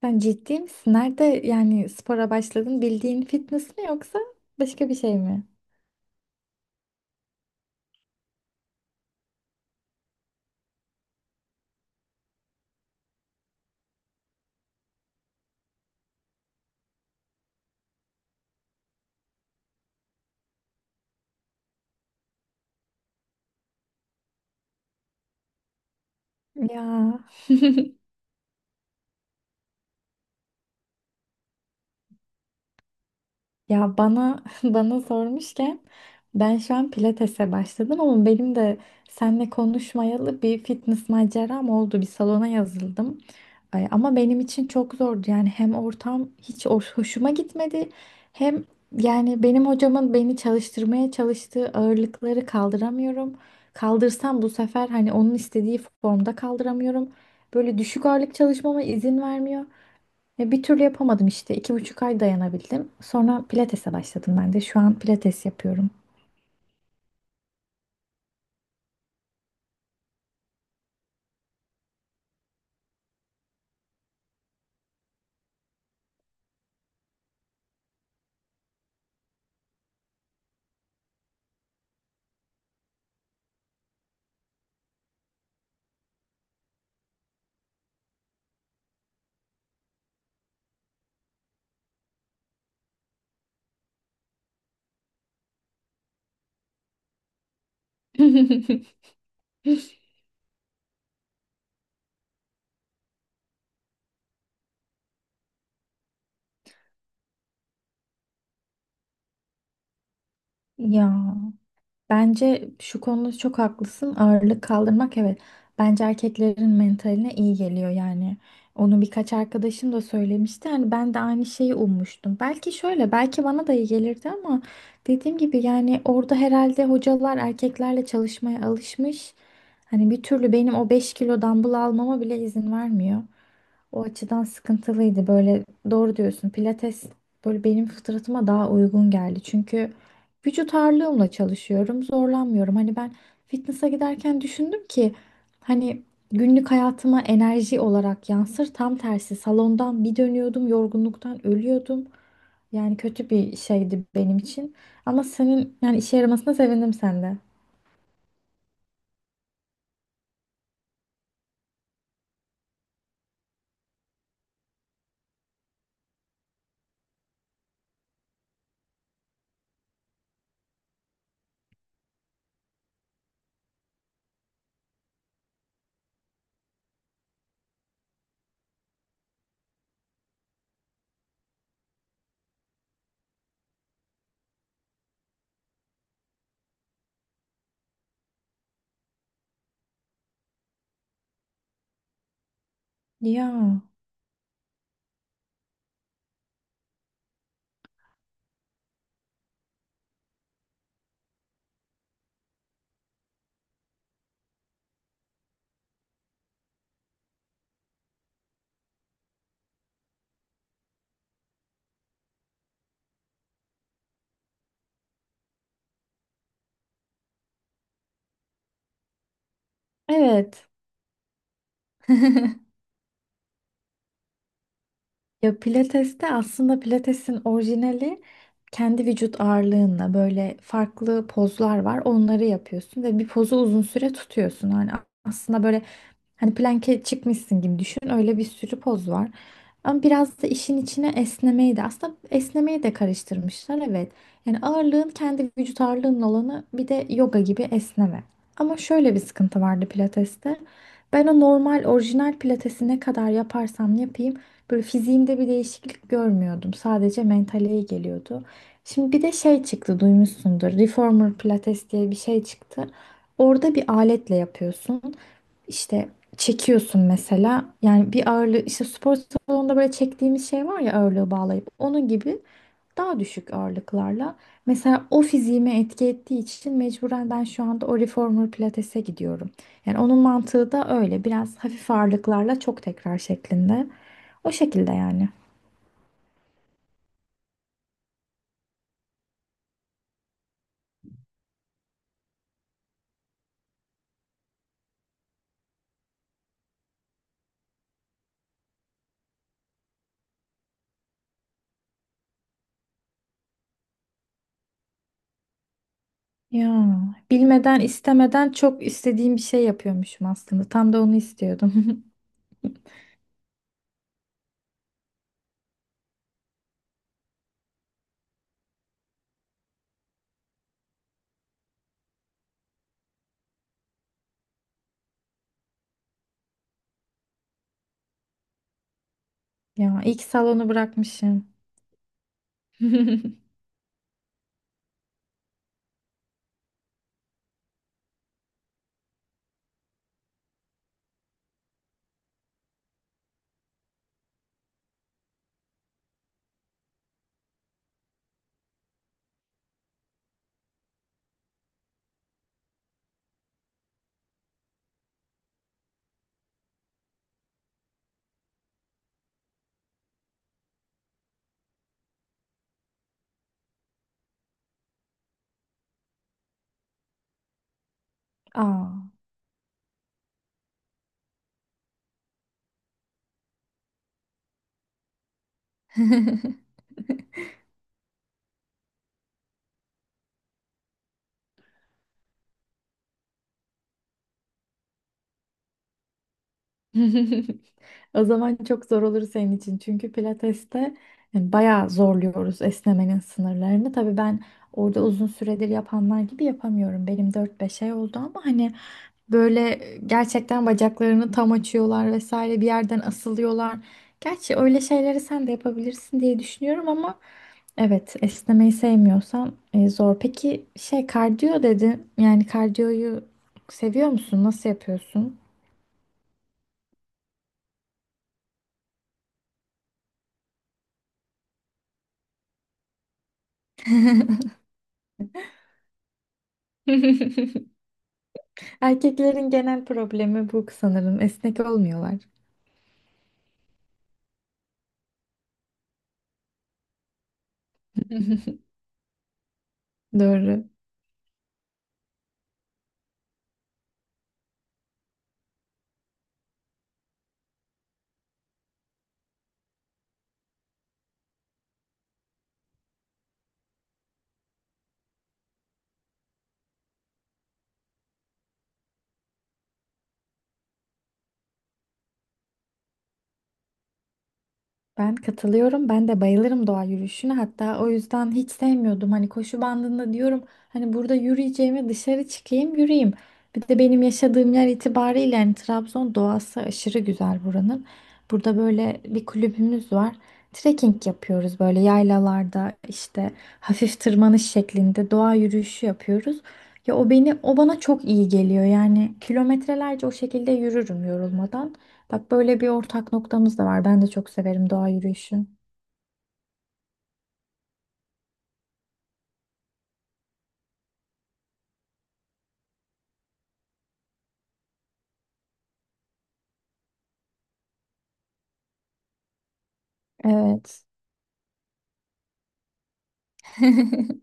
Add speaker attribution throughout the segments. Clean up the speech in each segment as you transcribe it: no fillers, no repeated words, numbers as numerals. Speaker 1: Sen ciddi misin? Nerede yani spora başladın? Bildiğin fitness mi yoksa başka bir şey mi? Ya. Ya bana bana sormuşken ben şu an pilatese başladım ama benim de seninle konuşmayalı bir fitness maceram oldu. Bir salona yazıldım. Ay, ama benim için çok zordu. Yani hem ortam hiç hoşuma gitmedi, hem yani benim hocamın beni çalıştırmaya çalıştığı ağırlıkları kaldıramıyorum. Kaldırsam bu sefer hani onun istediği formda kaldıramıyorum. Böyle düşük ağırlık çalışmama izin vermiyor. Ve bir türlü yapamadım işte. 2,5 ay dayanabildim. Sonra pilatese başladım ben de. Şu an pilates yapıyorum. Ya bence şu konuda çok haklısın. Ağırlık kaldırmak evet. Bence erkeklerin mentaline iyi geliyor yani. Onu birkaç arkadaşım da söylemişti. Hani ben de aynı şeyi ummuştum. Belki şöyle, belki bana da iyi gelirdi ama dediğim gibi yani orada herhalde hocalar erkeklerle çalışmaya alışmış. Hani bir türlü benim o 5 kilo dumbbell almama bile izin vermiyor. O açıdan sıkıntılıydı. Böyle doğru diyorsun. Pilates böyle benim fıtratıma daha uygun geldi. Çünkü vücut ağırlığımla çalışıyorum. Zorlanmıyorum. Hani ben fitness'a giderken düşündüm ki hani günlük hayatıma enerji olarak yansır. Tam tersi salondan bir dönüyordum. Yorgunluktan ölüyordum. Yani kötü bir şeydi benim için. Ama senin yani işe yaramasına sevindim sende. Ya, evet. Ya pilateste aslında pilatesin orijinali kendi vücut ağırlığınla böyle farklı pozlar var. Onları yapıyorsun ve bir pozu uzun süre tutuyorsun. Hani aslında böyle hani plank'e çıkmışsın gibi düşün. Öyle bir sürü poz var. Ama biraz da işin içine esnemeyi de esnemeyi de karıştırmışlar evet. Yani ağırlığın kendi vücut ağırlığının olanı bir de yoga gibi esneme. Ama şöyle bir sıkıntı vardı pilateste. Ben o normal orijinal pilatesi ne kadar yaparsam yapayım böyle fiziğimde bir değişiklik görmüyordum. Sadece mentale iyi geliyordu. Şimdi bir de şey çıktı, duymuşsundur. Reformer Pilates diye bir şey çıktı. Orada bir aletle yapıyorsun. İşte çekiyorsun mesela. Yani bir ağırlığı, işte spor salonunda böyle çektiğimiz şey var ya, ağırlığı bağlayıp. Onun gibi daha düşük ağırlıklarla. Mesela o fiziğime etki ettiği için mecburen ben şu anda o reformer pilatese gidiyorum. Yani onun mantığı da öyle. Biraz hafif ağırlıklarla, çok tekrar şeklinde. O şekilde yani. Ya bilmeden istemeden çok istediğim bir şey yapıyormuşum aslında. Tam da onu istiyordum. Ya ilk salonu bırakmışım. Aa. O zaman çok zor olur senin için. Çünkü pilateste yani bayağı zorluyoruz esnemenin sınırlarını. Tabii ben orada uzun süredir yapanlar gibi yapamıyorum. Benim 4-5 ay oldu ama hani böyle gerçekten bacaklarını tam açıyorlar vesaire, bir yerden asılıyorlar. Gerçi öyle şeyleri sen de yapabilirsin diye düşünüyorum ama evet, esnemeyi sevmiyorsan zor. Peki şey, kardiyo dedin. Yani kardiyoyu seviyor musun? Nasıl yapıyorsun? Erkeklerin genel problemi bu sanırım. Esnek olmuyorlar. Doğru. Ben katılıyorum. Ben de bayılırım doğa yürüyüşüne. Hatta o yüzden hiç sevmiyordum. Hani koşu bandında diyorum, hani burada yürüyeceğime dışarı çıkayım yürüyeyim. Bir de benim yaşadığım yer itibariyle hani Trabzon doğası aşırı güzel buranın. Burada böyle bir kulübümüz var. Trekking yapıyoruz böyle yaylalarda, işte hafif tırmanış şeklinde doğa yürüyüşü yapıyoruz. Ya o beni bana çok iyi geliyor. Yani kilometrelerce o şekilde yürürüm yorulmadan. Bak böyle bir ortak noktamız da var. Ben de çok severim doğa yürüyüşü. Evet.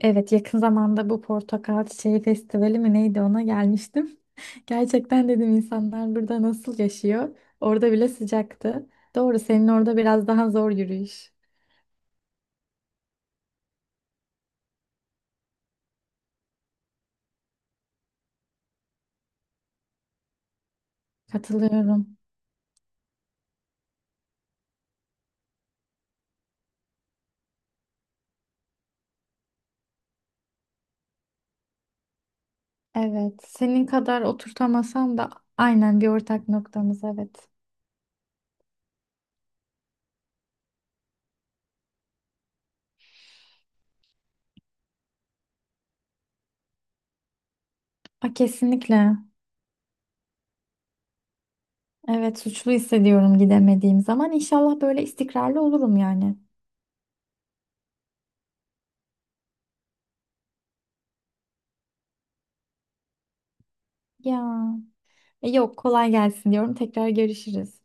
Speaker 1: Evet, yakın zamanda bu portakal çiçeği festivali mi neydi, ona gelmiştim. Gerçekten dedim insanlar burada nasıl yaşıyor? Orada bile sıcaktı. Doğru, senin orada biraz daha zor yürüyüş. Katılıyorum. Evet, senin kadar oturtamasam da aynen bir ortak noktamız evet. A, kesinlikle. Evet, suçlu hissediyorum gidemediğim zaman. İnşallah böyle istikrarlı olurum yani. Ya. Yok, kolay gelsin diyorum. Tekrar görüşürüz.